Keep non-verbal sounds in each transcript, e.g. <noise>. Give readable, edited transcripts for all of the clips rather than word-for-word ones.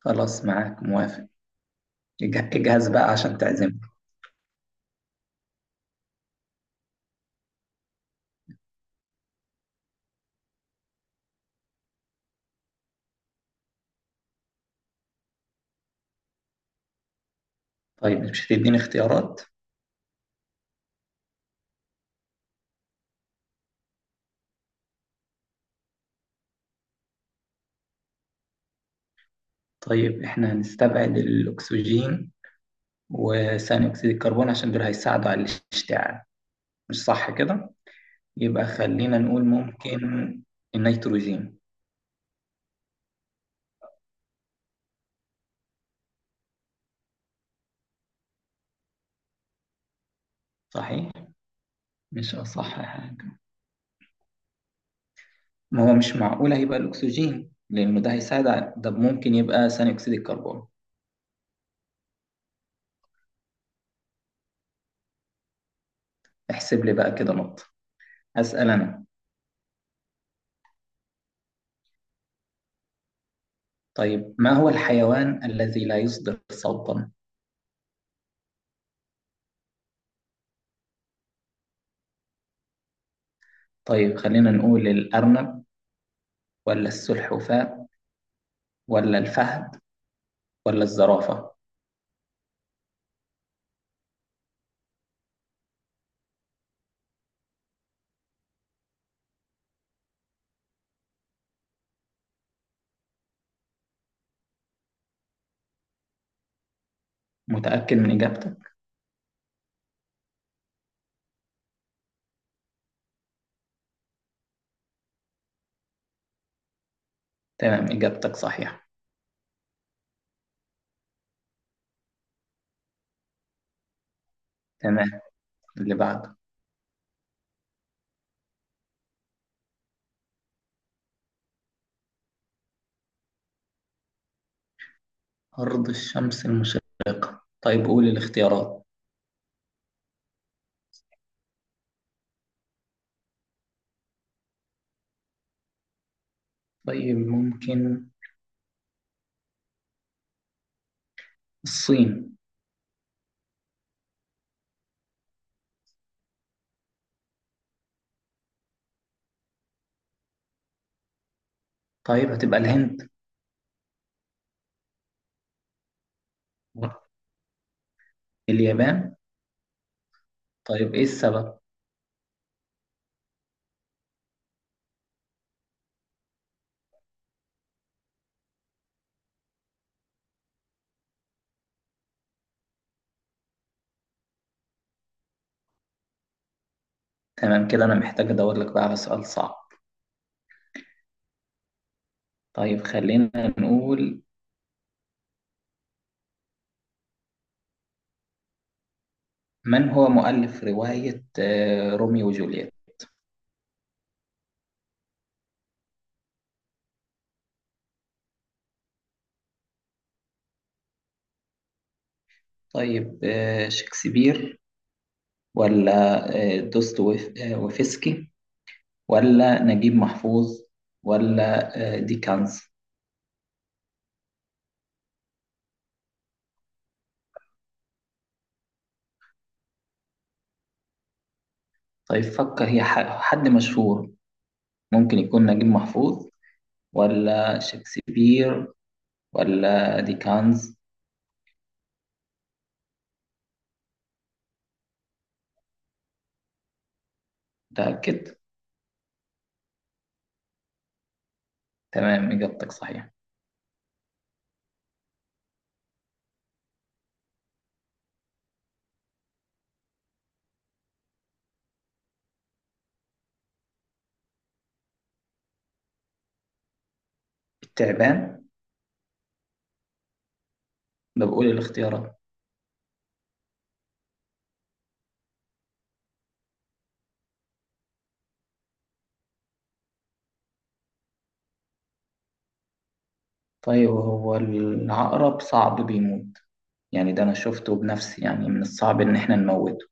خلاص، معاك موافق. اجهز بقى عشان تعزمنا. طيب، مش هتديني اختيارات؟ طيب احنا هنستبعد الأكسجين وثاني أكسيد الكربون عشان دول هيساعدوا على الاشتعال، مش صح كده؟ يبقى خلينا نقول ممكن النيتروجين. صحيح، مش أصح حاجة. ما هو مش معقول هيبقى الأكسجين لأنه ده هيساعد على ده، ممكن يبقى ثاني أكسيد الكربون. احسب لي بقى كده نقطة. أسأل أنا. طيب، ما هو الحيوان الذي لا يصدر صوتا؟ طيب خلينا نقول الأرنب، ولا السلحفاة، ولا الفهد، ولا الزرافة. متأكد من إجابتك؟ تمام، إجابتك صحيحة. تمام، اللي بعده. أرض الشمس المشرقة، طيب قول الاختيارات. طيب ممكن الصين. طيب هتبقى الهند. اليابان. طيب إيه السبب؟ تمام كده، أنا محتاج أدور لك بقى على سؤال صعب. طيب خلينا نقول، من هو مؤلف رواية روميو وجولييت؟ طيب، شكسبير، ولا دوستويفسكي، ولا نجيب محفوظ، ولا ديكنز. طيب فكر، هي حد مشهور، ممكن يكون نجيب محفوظ، ولا شكسبير، ولا ديكنز. متأكد؟ تمام، إجابتك صحيحة. التعبان. ده بقول الاختيارات. طيب هو العقرب صعب بيموت، يعني ده أنا شفته بنفسي، يعني من الصعب إن إحنا نموته.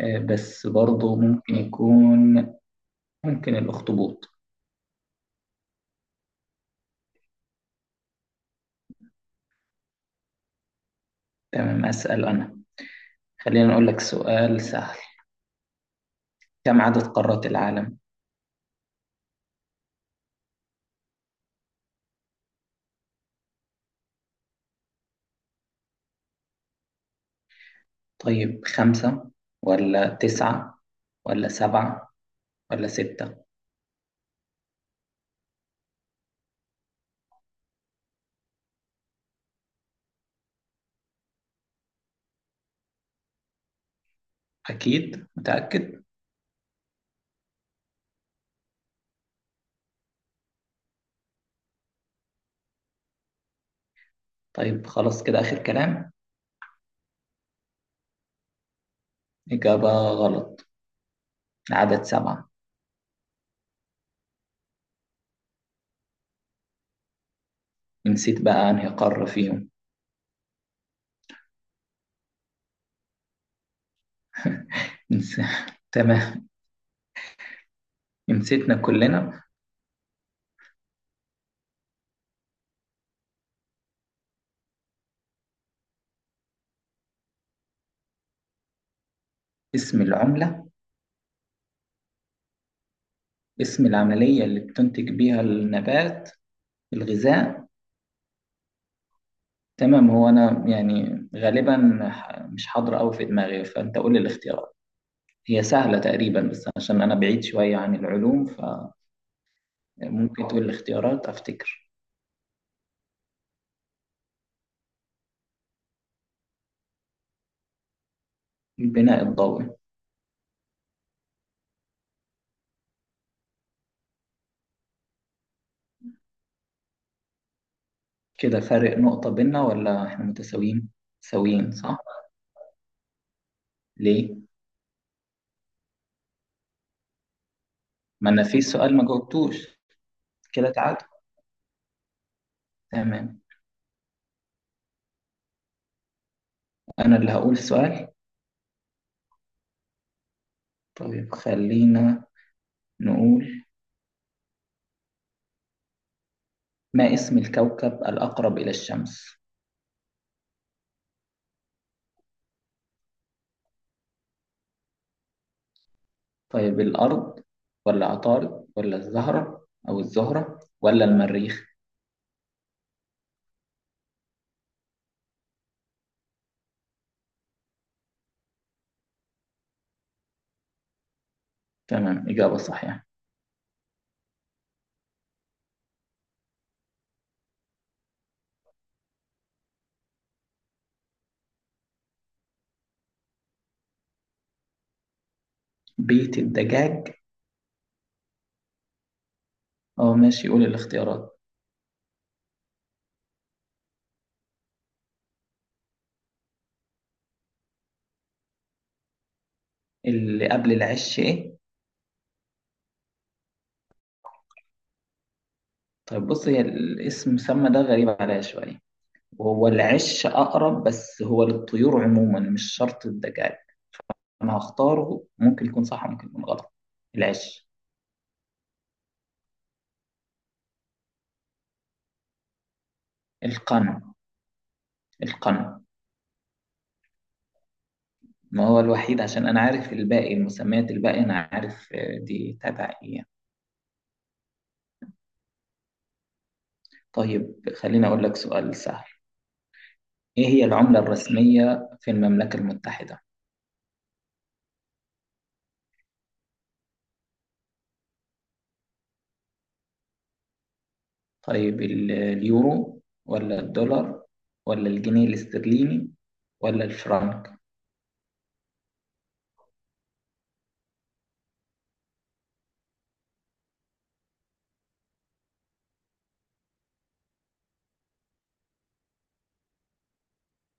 بس برضه ممكن يكون. ممكن الأخطبوط. تمام، أسأل أنا. خلينا نقول لك سؤال سهل. كم عدد قارات العالم؟ طيب 5، ولا 9، ولا 7، ولا 6. أكيد متأكد؟ طيب خلاص كده آخر كلام. إجابة غلط، العدد 7. نسيت بقى أنهي قارة فيهم. نس... <laughs> تمام، نسيتنا كلنا. اسم العملة. اسم العملية اللي بتنتج بيها النبات الغذاء. تمام، هو أنا يعني غالبا مش حاضرة أوي في دماغي، فأنت قول لي الاختيار. هي سهلة تقريبا، بس عشان أنا بعيد شوية عن العلوم، فممكن تقول الاختيارات أفتكر. البناء الضوئي. كده فارق نقطة بينا ولا إحنا متساويين؟ ساويين صح؟ ليه؟ ما أنا في سؤال ما جاوبتوش. كده تعادل. تمام، أنا اللي هقول السؤال. طيب خلينا نقول، ما اسم الكوكب الأقرب إلى الشمس؟ طيب الأرض، ولا عطارد، ولا الزهرة، أو الزهرة ولا المريخ؟ تمام، إجابة صحيحة. بيت الدجاج. اه ماشي، قول الاختيارات. اللي قبل العش ايه؟ طيب بص، هي الاسم سمى ده غريب عليا شويه، وهو العش اقرب بس هو للطيور عموما مش شرط الدجاج. انا هختاره، ممكن يكون صح ممكن يكون غلط. العش. القنا. القنا. ما هو الوحيد عشان انا عارف الباقي، المسميات الباقي انا عارف دي تبع ايه يعني. طيب خليني اقول لك سؤال سهل. ايه هي العمله الرسميه في المملكه المتحده؟ طيب اليورو، ولا الدولار، ولا الجنيه الاسترليني، ولا الفرنك.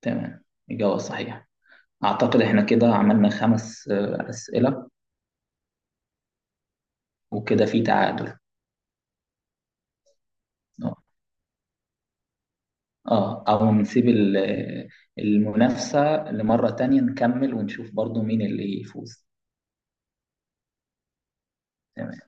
تمام، إجابة صحيحة. أعتقد إحنا كده عملنا خمس أسئلة. وكده في تعادل. آه. أو نسيب المنافسة لمرة تانية، نكمل ونشوف برضو مين اللي يفوز. تمام.